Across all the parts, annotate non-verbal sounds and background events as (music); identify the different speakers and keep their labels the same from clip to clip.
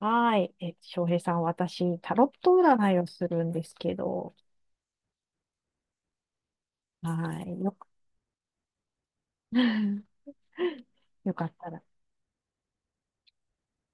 Speaker 1: はい。翔平さん、私、タロット占いをするんですけど、はい。よく、(laughs) よかったら。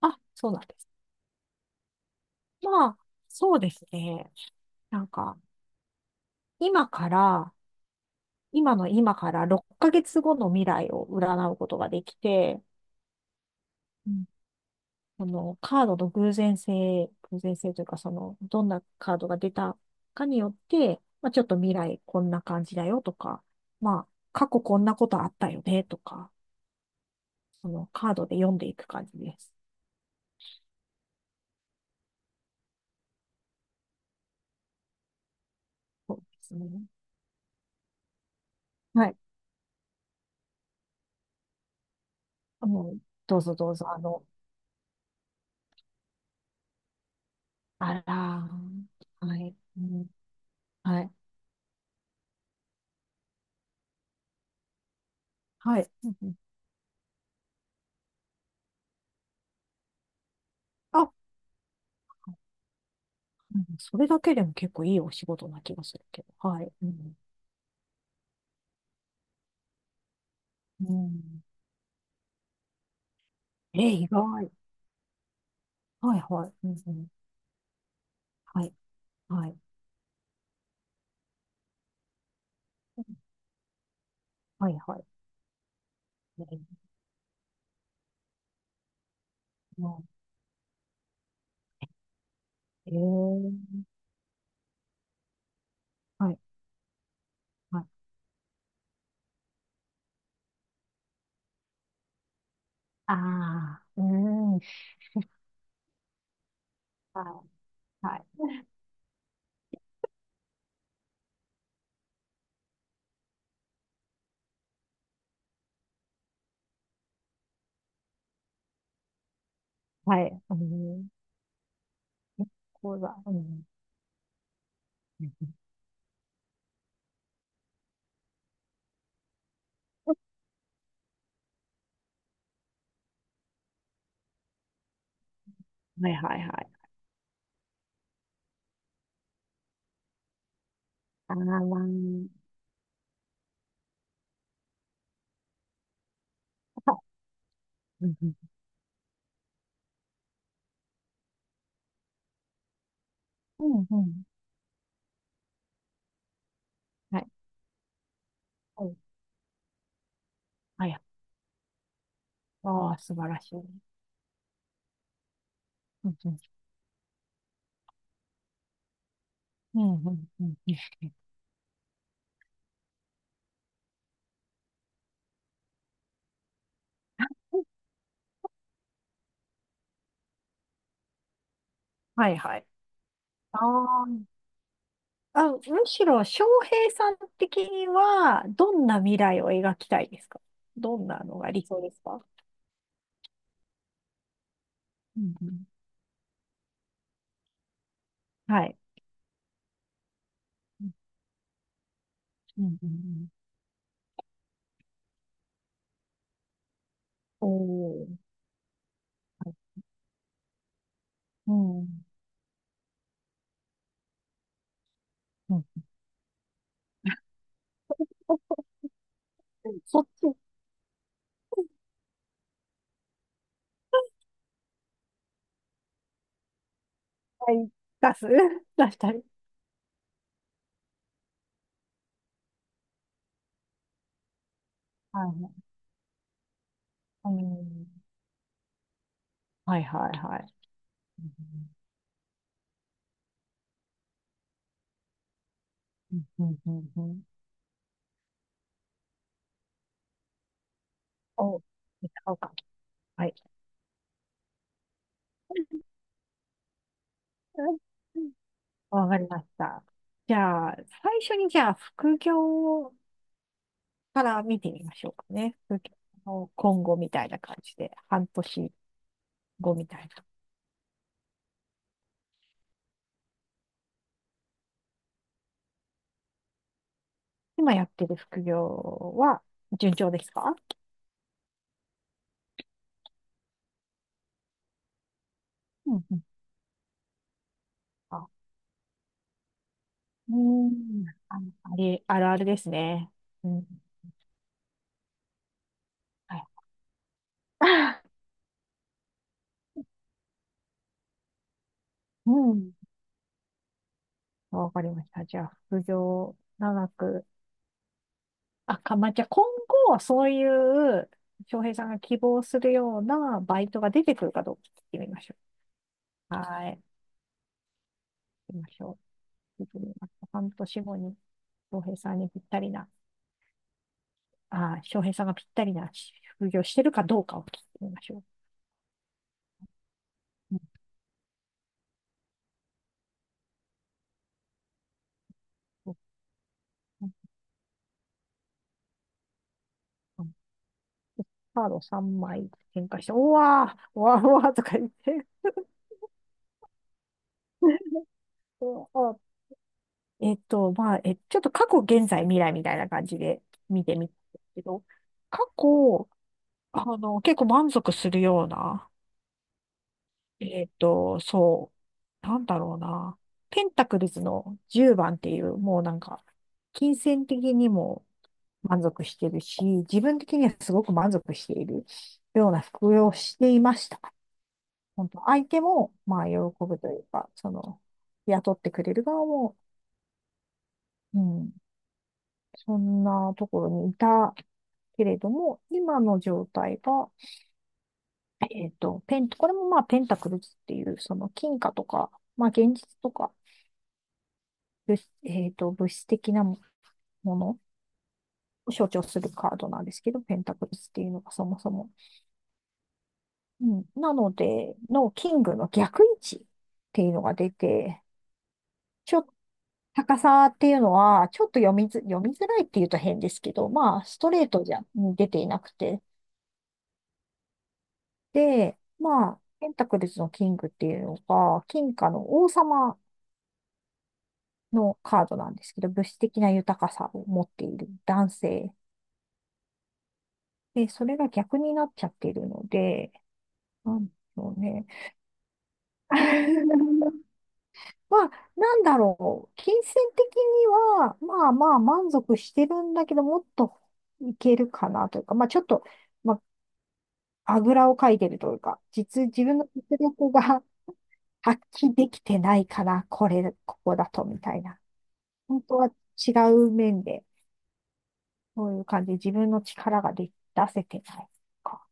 Speaker 1: あ、そうなんです。まあ、そうですね。なんか、今から、今の今から6ヶ月後の未来を占うことができて、うん、そのカードの偶然性というか、その、どんなカードが出たかによって、まあ、ちょっと未来こんな感じだよとか、まあ、過去こんなことあったよねとか、そのカードで読んでいく感じです。そうですね。はい。もう、どうぞどうぞ、あらー、はい。うん、はい。はい。うんうん、あ、うん、それだけでも結構いいお仕事な気がするけど。はい。うん、うん。えー、意外。はいはい。うんうん、はい。はい。はいはい。えー、えー、はいはい。ああ、うん。はいはい。はい。うん。結構だ。うん。はいはいはい。あー、まあ、(laughs) あ、うんうんうんうん。はい。はい。はい。ああ、素晴らしい。うんうんうんうん、うんうん。はいはい。あー、あ、むしろ、翔平さん的には、どんな未来を描きたいですか？どんなのが理想ですか？うんうん、はい。うんうんうん、おー。うんうん、うん、そっち、にい、出す (laughs) 出したり。はいはい。うん、はいはいはい。うんうんうんうん、お、使おうか。はい。うん、わかりました。じゃあ、最初にじゃあ、副業から見てみましょうかね。副業の今後みたいな感じで、半年後みたいな。今やってる副業は順調ですか？うんうん、あ、うーん、あの、あれ、あるあるですね。うん。はい。(laughs) うん。わかりました。じゃあ、副業長く、まあ、じゃあ今後はそういう、翔平さんが希望するようなバイトが出てくるかどうか聞いてみましょう。はい。行きましょう。聞いてみます。半年後に、翔平さんにぴったりな、翔平さんがぴったりな副業してるかどうかを聞いてみましょう。うんうんうん、カード3枚展開して、うわー、うわー、うわーとか言って。(laughs) そうあえっと、ちょっと過去、現在、未来みたいな感じで見てみたんですけど、過去、あの、結構満足するような、えっと、そなんだろうな。ペンタクルズの10番っていう、もうなんか、金銭的にも満足してるし、自分的にはすごく満足しているような服用をしていました。本当、相手も、まあ、喜ぶというか、その、雇ってくれる側も、うん、そんなところにいたけれども、今の状態が、これもまあペンタクルズっていう、その金貨とか、まあ現実とか、物えっと、物質的なものを象徴するカードなんですけど、ペンタクルズっていうのがそもそも。うん、なので、のキングの逆位置っていうのが出て、ちょ、高さっていうのは、ちょっと読みづらいっていうと変ですけど、まあ、ストレートじゃ、に出ていなくて。で、まあ、ペンタクルズのキングっていうのが、金貨の王様のカードなんですけど、物質的な豊かさを持っている男性。で、それが逆になっちゃっているので、なんでしょうね。(laughs) まあ、なんだろう。金銭的には、まあまあ満足してるんだけど、もっといけるかなというか、まあちょっと、まあ、あぐらをかいてるというか、自分の実力が (laughs) 発揮できてないから、これ、ここだと、みたいな。本当は違う面でそういう感じ。で自分の力が出せてないか。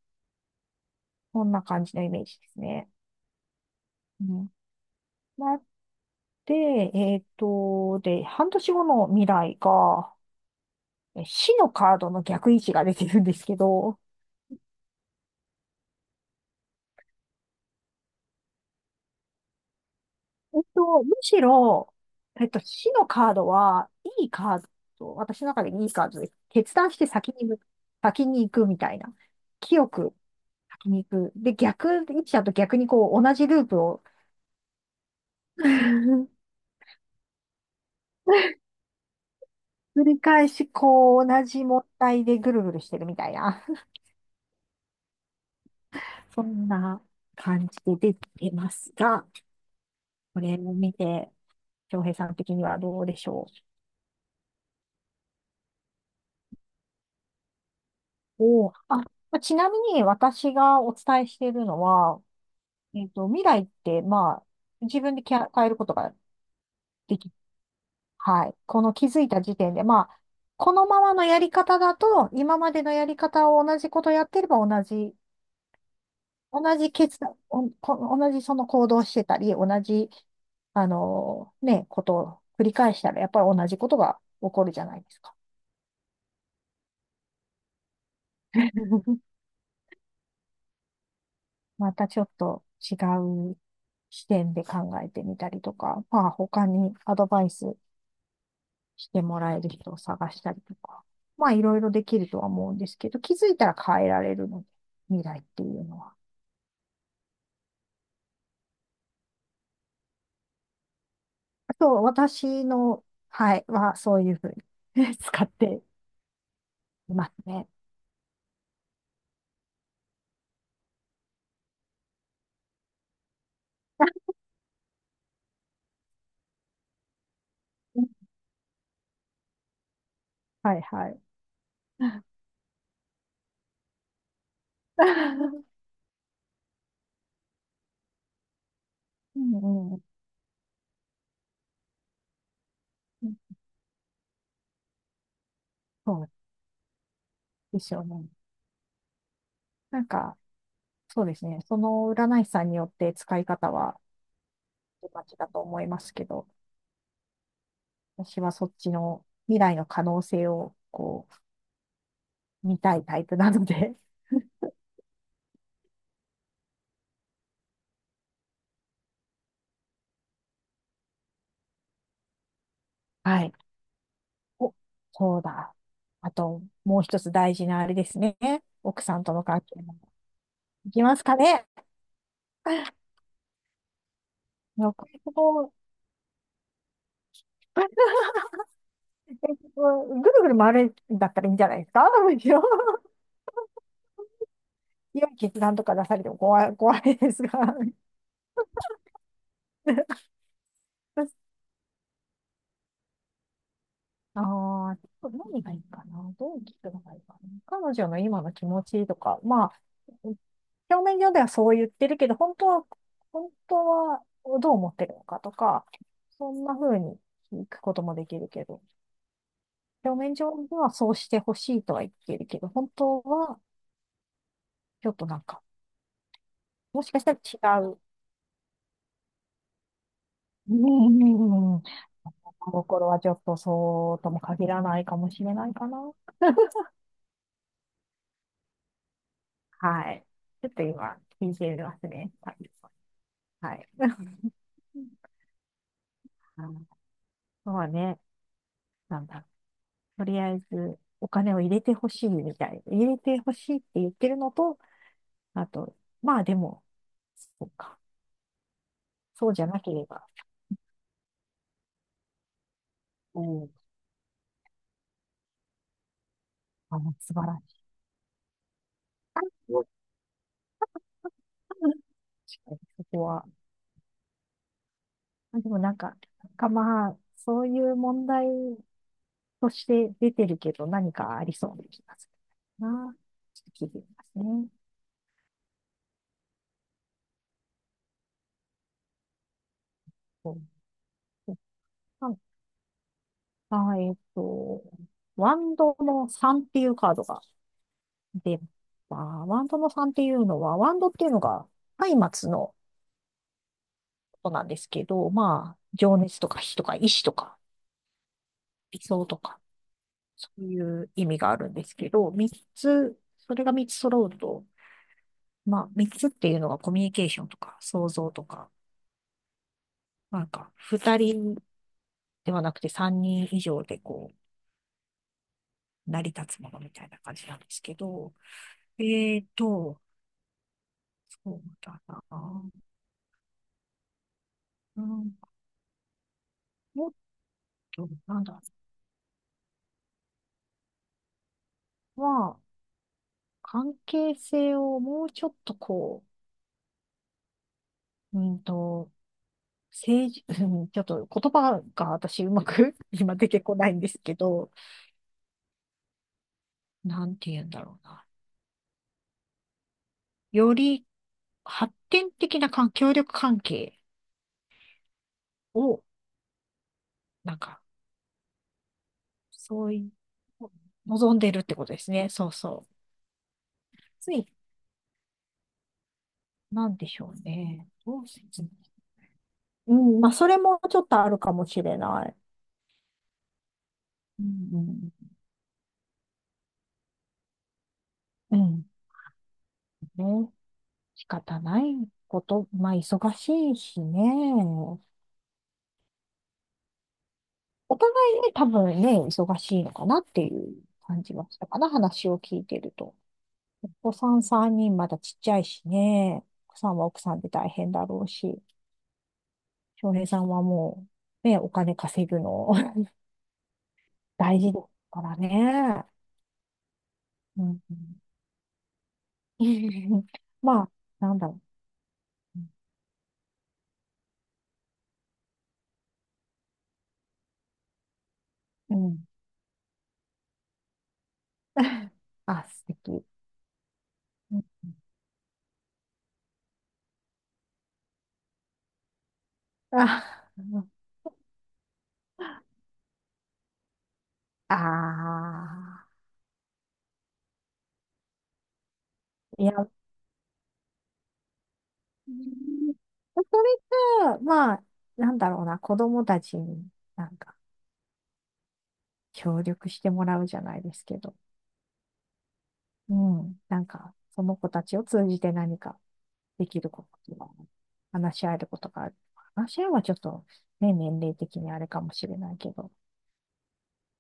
Speaker 1: こんな感じのイメージですね。うん。なって、えっと、で、半年後の未来が、え、死のカードの逆位置が出てるんですけど、えっと、むしろ、えっと、死のカードは、いいカード、私の中でいいカードで、決断して先に向、先に行くみたいな。清く先に行く。で、逆位置だと逆にこう、同じループを (laughs) 繰り返し、こう、同じ問題でぐるぐるしてるみたいな、(laughs) そんな感じで出てますが、これを見て、翔平さん的にはどうでしょう。おー、あ、まあ、ちなみに私がお伝えしているのは、えっと、未来って、まあ、自分で変えることができる。はい。この気づいた時点で、まあ、このままのやり方だと、今までのやり方を同じことやってれば同じ同じ決断、おこ同じその行動をしてたり、同じ、あのね、ことを繰り返したら、やっぱり同じことが起こるじゃないですか。(laughs) またちょっと違う視点で考えてみたりとか、まあ他にアドバイスしてもらえる人を探したりとか、まあいろいろできるとは思うんですけど、気づいたら変えられるので、未来っていうのは。あと、私の、はい、はそういうふうに (laughs) 使っていますね。(laughs) はいはい。(laughs) うんうん。そうですよね。なんか、そうですね。その占い師さんによって使い方はまちだと思いますけど、私はそっちの未来の可能性をこう、見たいタイプなので、(laughs) はい。お、そうだ。あと、もう一つ大事なあれですね。奥さんとの関係も。いきますかね。(laughs) もうこれも (laughs) えっと、ぐるぐる回るんだったらいいんじゃないですかむしろ。 (laughs) 良い決断とか出されても怖いですが。(laughs) ああ、何がいいかな。どう聞くのがいいかな。彼女の今の気持ちとか、まあ、表面上ではそう言ってるけど、本当はどう思ってるのかとか、そんな風に聞くこともできるけど、表面上ではそうしてほしいとは言ってるけど、本当はちょっとなんか、もしかしたら違う。うんうんうんうん、心の頃はちょっとそうとも限らないかもしれないかな。(laughs) はい。ちょっと今、聞いてますね。はい。(laughs) あのそうはね、なんだろう、とりあえずお金を入れてほしいみたい。入れてほしいって言ってるのと、あと、まあでも、そうか。そうじゃなければ、うん、あの、素晴らしい。(laughs) 確かにそこは。あ、でもなんか、なんかまあ、そういう問題として出てるけど何かありそうな気がするな。ちょっと聞いてみますね。あ、えっと、ワンドの3っていうカードが出、まあ、ワンドの3っていうのは、ワンドっていうのが、松明のことなんですけど、まあ、情熱とか火とか意志とか理想とか、そういう意味があるんですけど、3つ、それが3つ揃うと、まあ、3つっていうのがコミュニケーションとか、創造とか、なんか、2人ではなくて3人以上でこう、成り立つものみたいな感じなんですけど、えっと、そうだな。うん、もっと、なんだろ、まあ、関係性をもうちょっとこう、うんと、政治、(laughs) うん、ちょっと言葉が私うまく (laughs) 今出てこないんですけど、なんて言うんだろうな。より発展的な関協力関係を、なんか、そういう、望んでるってことですね。そうそう。ついなんでしょうね。どう説明。うん、まあ、それもちょっとあるかもしれない。うんうん。うん。ね。仕方ないこと。まあ、忙しいしね。お互いね、多分ね、忙しいのかなっていう感じはしたかな。話を聞いてると。お子さん3人まだちっちゃいしね。奥さんは奥さんで大変だろうし。翔平さんはもう、ね、お金稼ぐの (laughs) 大事だからね。うんうん。(laughs) まあ、なんだろう。うん。(laughs) あ、素敵。うん、あ、あー、いや、うん、それかまあ、なんだろうな、子供たちになんか協力してもらうじゃないですけど、うん、なんか、その子たちを通じて何かできることが、話し合えることがある。話し合いはちょっと、ね、年齢的にあれかもしれないけど、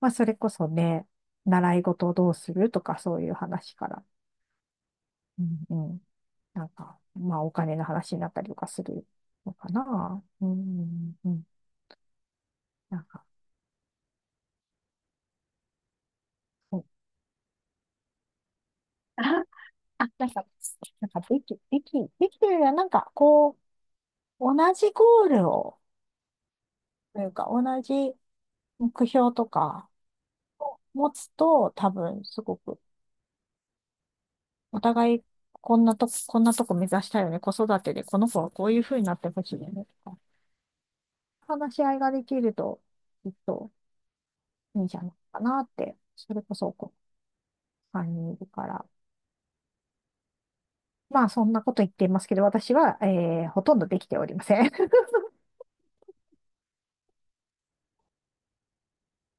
Speaker 1: まあ、それこそね、習い事をどうするとかそういう話から、うん、なんか、まあ、お金の話になったりとかするのかな。うん、うん、なんか、そう。(laughs) あ、あなんか、なんかでき、でき、できるよりは、なんか、こう、同じゴールを、というか、同じ目標とか、持つと、多分、すごく、お互い、こんなとこ目指したいよね。子育てで、この子はこういう風になってほしいよね。とか、話し合いができると、きっと、いいんじゃないかなって、それこそ、こう、3にんいるから。まあ、そんなこと言っていますけど、私は、えー、ほとんどできておりません。(laughs)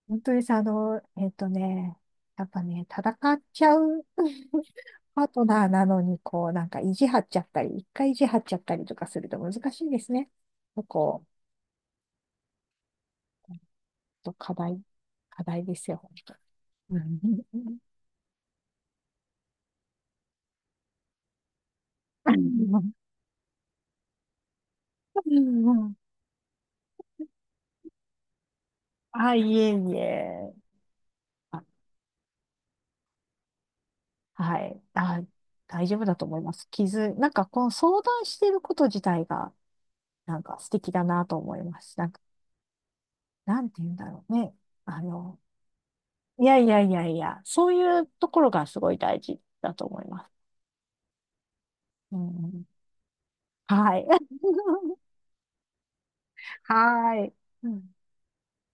Speaker 1: 本当にさ、あの、えっとね、やっぱね、戦っちゃう (laughs) パートナーなのに、こう、なんか意地張っちゃったり、一回意地張っちゃったりとかすると難しいですね。そこ、ちょっと課題、課題ですよ、本当。うんうんうん (laughs) あ、いえいえ。はい。あ、大丈夫だと思います。なんかこの相談してること自体が、なんか素敵だなと思います。なんか、なんて言うんだろうね。あの、いやいやいやいや、そういうところがすごい大事だと思います。うん、はい。(laughs) はい。うん